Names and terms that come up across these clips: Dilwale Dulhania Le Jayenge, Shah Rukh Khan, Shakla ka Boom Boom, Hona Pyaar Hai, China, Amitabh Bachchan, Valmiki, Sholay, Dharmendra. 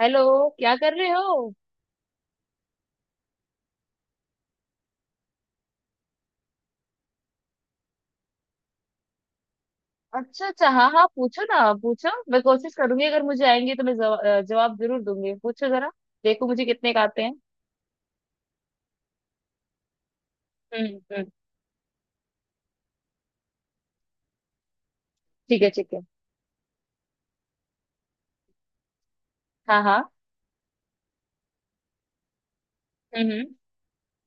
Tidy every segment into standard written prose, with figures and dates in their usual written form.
Hello. क्या कर रहे हो। अच्छा, अच्छा, हाँ, हाँ, पूछो ना, पूछो। मैं कोशिश करूंगी, अगर मुझे आएंगे तो मैं जवाब जरूर दूंगी। पूछो जरा, देखो मुझे कितने का आते हैं। हम्म। हम्म। ठीक है, ठीक है। हाँ, हाँ। हम्म, हम्म,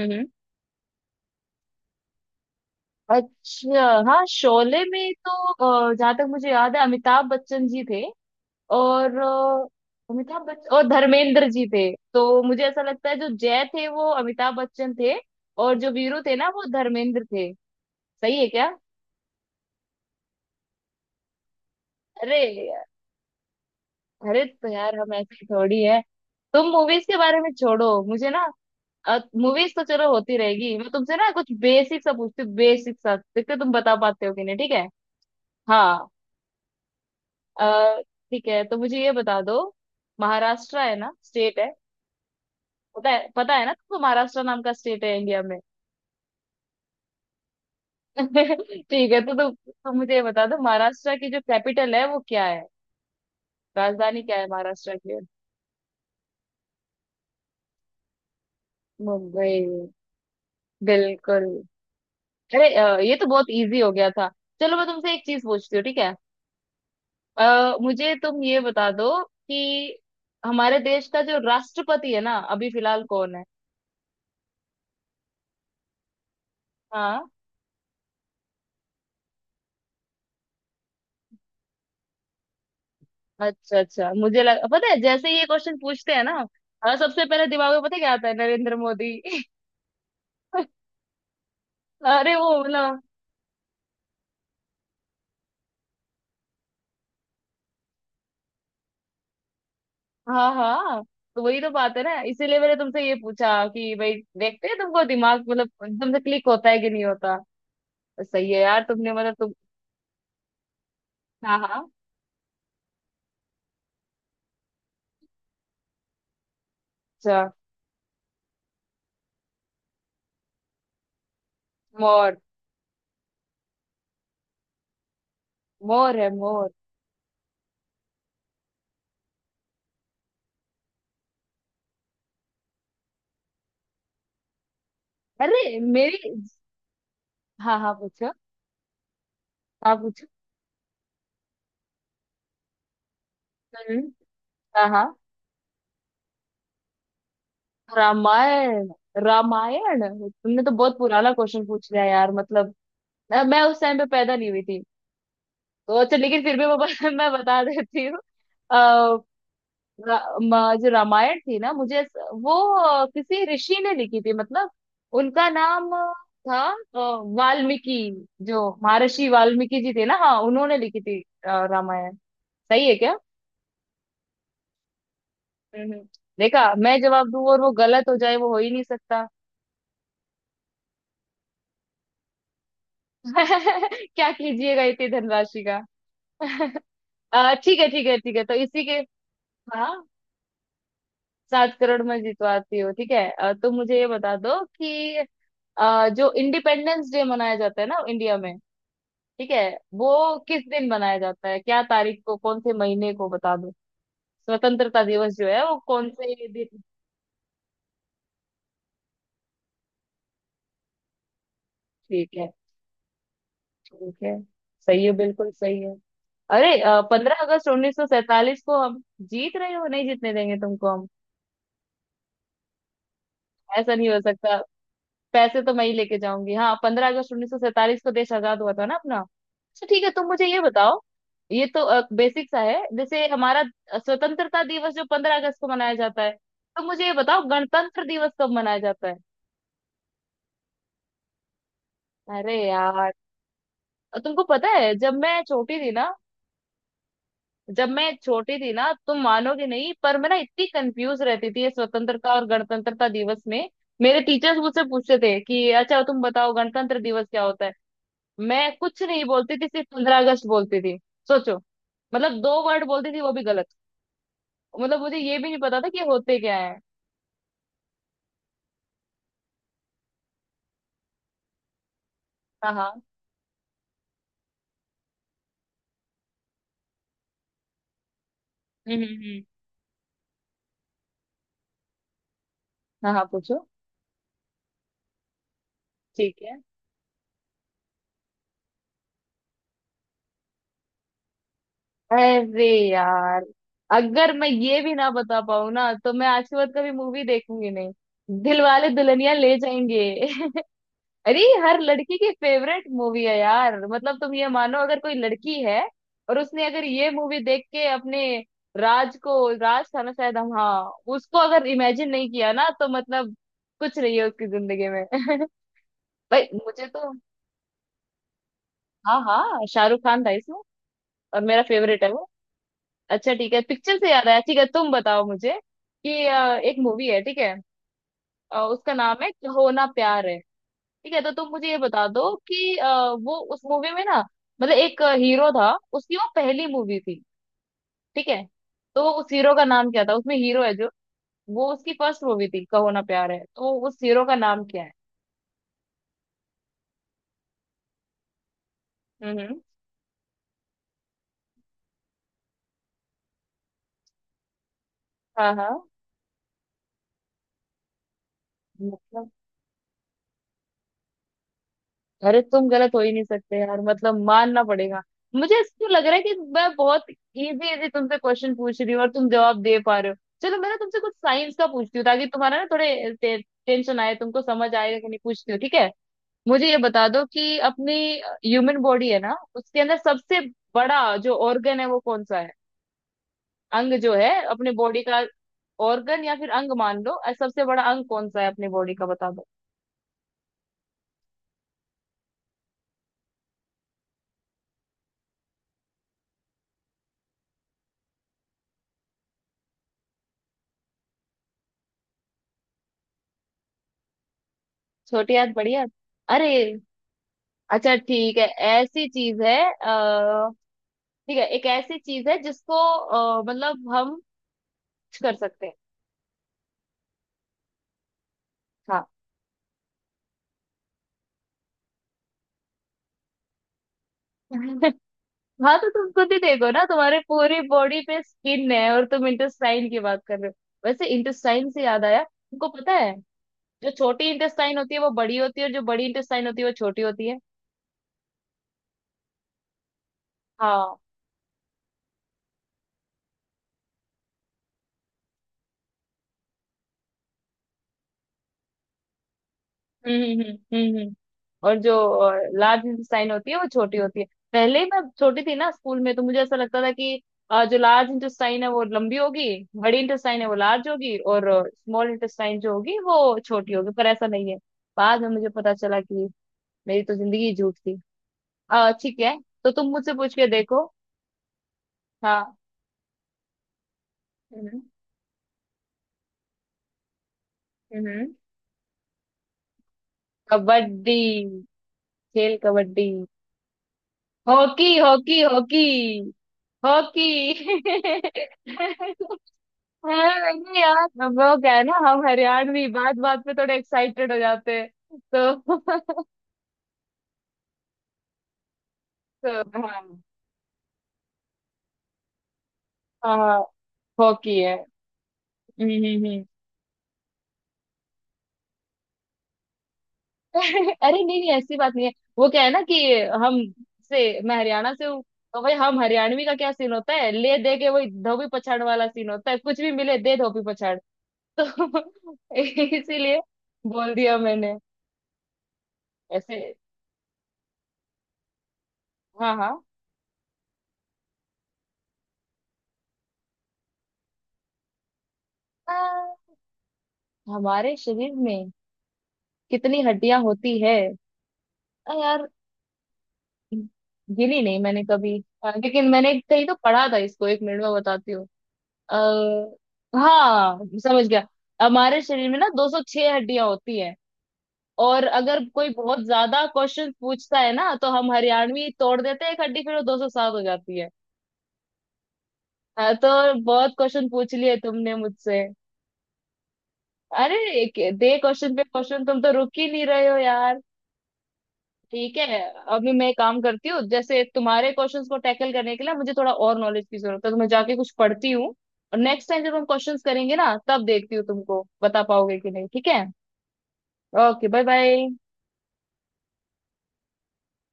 हम्म, अच्छा। हाँ, शोले में तो जहाँ तक मुझे याद है अमिताभ बच्चन जी थे। और अमिताभ बच्चन और धर्मेंद्र जी थे। तो मुझे ऐसा लगता है जो जय थे वो अमिताभ बच्चन थे, और जो वीरू थे ना वो धर्मेंद्र थे। सही है क्या। अरे। अरे तो यार, हम ऐसी थोड़ी है। तुम मूवीज के बारे में छोड़ो मुझे ना। मूवीज तो चलो होती रहेगी, मैं तुमसे ना कुछ बेसिक सा पूछती हूँ। बेसिक सा देखते हो, तुम बता पाते हो कि नहीं, ठीक है। हाँ। अ, ठीक है तो मुझे ये बता दो, महाराष्ट्र है ना, स्टेट है। पता है, पता है ना तुमको, महाराष्ट्र नाम का स्टेट है इंडिया में। ठीक है, तो तुम मुझे ये बता दो, महाराष्ट्र की जो कैपिटल है वो क्या है। राजधानी क्या है महाराष्ट्र की। मुंबई। बिल्कुल। अरे ये तो बहुत इजी हो गया था। चलो मैं तुमसे एक चीज पूछती हूँ, ठीक है। मुझे तुम ये बता दो कि हमारे देश का जो राष्ट्रपति है ना अभी फिलहाल कौन है। हाँ। अच्छा, अच्छा, मुझे लग पता है, जैसे ही ये क्वेश्चन पूछते हैं ना, सबसे पहले दिमाग में पता है क्या आता है, नरेंद्र मोदी। अरे वो ना। हाँ, हाँ। तो वही तो बात है ना, इसीलिए मैंने तुमसे ये पूछा कि भाई देखते हैं तुमको दिमाग, मतलब तुमसे क्लिक होता है कि नहीं होता। सही है यार, तुमने मतलब तुम। हाँ, हाँ। अच्छा। मोर। मोर है मोर। अरे मेरी। हाँ, हाँ, पूछो। हाँ, पूछो। हम्म। हाँ, हाँ। रामायण रामायण। तुमने तो बहुत पुराना क्वेश्चन पूछ लिया यार, मतलब मैं उस टाइम पे पैदा नहीं हुई थी। तो अच्छा, लेकिन फिर भी मैं बता देती हूँ। अ, जो रामायण थी ना, मुझे वो किसी ऋषि ने लिखी थी, मतलब उनका नाम था। अ, वाल्मीकि, जो महर्षि वाल्मीकि जी थे ना, हाँ, उन्होंने लिखी थी रामायण। सही है क्या। हम्म। देखा, मैं जवाब दूं और वो गलत हो जाए, वो हो ही नहीं सकता। क्या कीजिएगा इतनी धनराशि का। ठीक है, ठीक है, ठीक है, तो इसी के। हाँ। 7 करोड़ में जितवाती हूँ, ठीक है। तो मुझे ये बता दो कि जो इंडिपेंडेंस डे मनाया जाता है ना इंडिया में, ठीक है, वो किस दिन मनाया जाता है, क्या तारीख को, कौन से महीने को बता दो। स्वतंत्रता दिवस जो है वो कौन से दिन। ठीक है, ठीक है। सही है, बिल्कुल सही है। अरे, 15 अगस्त 1947 को हम जीत रहे हो, नहीं जीतने देंगे तुमको हम। ऐसा नहीं हो सकता, पैसे तो मैं ही लेके जाऊंगी। हाँ, 15 अगस्त 1947 को देश आजाद हुआ था ना अपना। अच्छा, ठीक है, तुम मुझे ये बताओ, ये तो बेसिक सा है। जैसे हमारा स्वतंत्रता दिवस जो 15 अगस्त को मनाया जाता है, तो मुझे ये बताओ गणतंत्र दिवस कब मनाया जाता है। अरे यार, तुमको पता है जब मैं छोटी थी ना, जब मैं छोटी थी ना, तुम मानोगे नहीं, पर मैं ना इतनी कंफ्यूज रहती थी ये स्वतंत्रता और गणतंत्रता दिवस में। मेरे टीचर्स मुझसे पूछते थे कि अच्छा तुम बताओ गणतंत्र दिवस क्या होता है, मैं कुछ नहीं बोलती थी, सिर्फ 15 अगस्त बोलती थी। सोचो, मतलब 2 वर्ड बोलती थी, वो भी गलत। मतलब मुझे ये भी नहीं पता था कि होते क्या है। हाँ, हाँ। हम्म, हम्म, हाँ, हाँ, पूछो। ठीक है। अरे यार, अगर मैं ये भी ना बता पाऊँ ना, तो मैं आज के बाद कभी मूवी देखूंगी नहीं। दिल वाले दुल्हनिया ले जाएंगे। अरे, हर लड़की की फेवरेट मूवी है यार, मतलब तुम ये मानो, अगर कोई लड़की है और उसने अगर ये मूवी देख के अपने राज को, राज था ना शायद, हम, हाँ, उसको अगर इमेजिन नहीं किया ना तो मतलब कुछ नहीं है उसकी जिंदगी में। भाई मुझे तो, हाँ, हाँ, शाहरुख खान था इसमें और मेरा फेवरेट है वो। अच्छा, ठीक है, पिक्चर से याद आया, ठीक है, तुम बताओ मुझे कि एक मूवी है, ठीक है, उसका नाम है होना प्यार है। ठीक है, तो तुम मुझे ये बता दो कि वो उस मूवी में ना, मतलब एक हीरो था, उसकी वो पहली मूवी थी, ठीक है, तो वो उस हीरो का नाम क्या था, उसमें हीरो है जो, वो उसकी फर्स्ट मूवी थी कहो ना प्यार है, तो उस हीरो का नाम क्या है। हम्म, हाँ, हाँ। मतलब। अरे, तुम गलत हो ही नहीं सकते यार, मतलब मानना पड़ेगा। मुझे इसको लग रहा है कि मैं बहुत इजी इजी तुमसे क्वेश्चन पूछ रही हूँ और तुम जवाब दे पा रहे हो। चलो मैं ना तुमसे कुछ साइंस का पूछती हूँ, ताकि तुम्हारा ना थोड़े टेंशन आए, तुमको समझ आएगा कि नहीं, पूछती हूँ, ठीक है। मुझे ये बता दो कि अपनी ह्यूमन बॉडी है ना, उसके अंदर सबसे बड़ा जो ऑर्गन है वो कौन सा है, अंग जो है अपने बॉडी का। ऑर्गन या फिर अंग मान लो, सबसे बड़ा अंग कौन सा है अपनी बॉडी का, बता दो। छोटी याद बड़ी याद। अरे, अच्छा, ठीक है, ऐसी चीज है, ठीक है, एक ऐसी चीज है जिसको मतलब हम कुछ कर सकते हैं। हाँ। हाँ, तो तुम खुद ही देखो ना, तुम्हारे पूरी बॉडी पे स्किन है, और तुम इंटेस्टाइन की बात कर रहे हो। वैसे इंटेस्टाइन से याद आया, तुमको पता है जो छोटी इंटेस्टाइन होती है वो बड़ी होती है, और जो बड़ी इंटेस्टाइन होती है वो छोटी होती है। हाँ। हम्म, हम्म, हम्म, हम्म, और जो लार्ज इंटेस्टाइन होती है वो छोटी होती है। पहले ही मैं छोटी थी ना स्कूल में, तो मुझे ऐसा लगता था कि जो लार्ज इंटेस्टाइन है वो लंबी होगी, बड़ी इंटेस्टाइन है वो लार्ज होगी, और स्मॉल इंटेस्टाइन जो होगी वो छोटी होगी, पर ऐसा नहीं है। बाद में मुझे पता चला कि मेरी तो जिंदगी ही झूठ थी। ठीक है, तो तुम मुझसे पूछ के देखो। हाँ। हम्म, हम्म। कबड्डी। खेल kabaddi. Hockey, hockey, hockey. Hockey. हाँ, नहीं यार, अब वो क्या है ना, हम हरियाणवी बात बात पे थोड़े एक्साइटेड हो जाते हैं तो तो हाँ। हाँ, हॉकी है। हम्म, हम्म, हम्म। अरे नहीं, नहीं, ऐसी बात नहीं है, वो क्या है ना कि हम, से मैं हरियाणा से हूँ, तो भाई हम हरियाणवी का क्या सीन होता है, ले दे के वही धोबी पछाड़ वाला सीन होता है, कुछ भी मिले दे धोबी पछाड़ तो। इसीलिए बोल दिया मैंने। ऐसे। हाँ, हाँ। अ, हमारे शरीर में कितनी हड्डियां होती है। यार, गिनी नहीं मैंने कभी। लेकिन मैंने कहीं तो पढ़ा था, इसको 1 मिनट में बताती हूँ। अः हाँ, समझ गया। हमारे शरीर में ना 206 हड्डियां होती हैं, और अगर कोई बहुत ज्यादा क्वेश्चन पूछता है ना तो हम हरियाणवी तोड़ देते हैं एक हड्डी, फिर वो 207 हो जाती है। हाँ, तो बहुत क्वेश्चन पूछ लिए तुमने मुझसे। अरे, दे क्वेश्चन पे क्वेश्चन, तुम तो रुक ही नहीं रहे हो यार। ठीक है। अभी मैं एक काम करती हूँ, जैसे तुम्हारे क्वेश्चंस को टैकल करने के लिए मुझे थोड़ा और नॉलेज की जरूरत है तो मैं जाके कुछ पढ़ती हूँ, और नेक्स्ट टाइम जब हम क्वेश्चंस करेंगे ना तब देखती हूँ तुमको बता पाओगे कि नहीं, ठीक है। Okay, bye bye.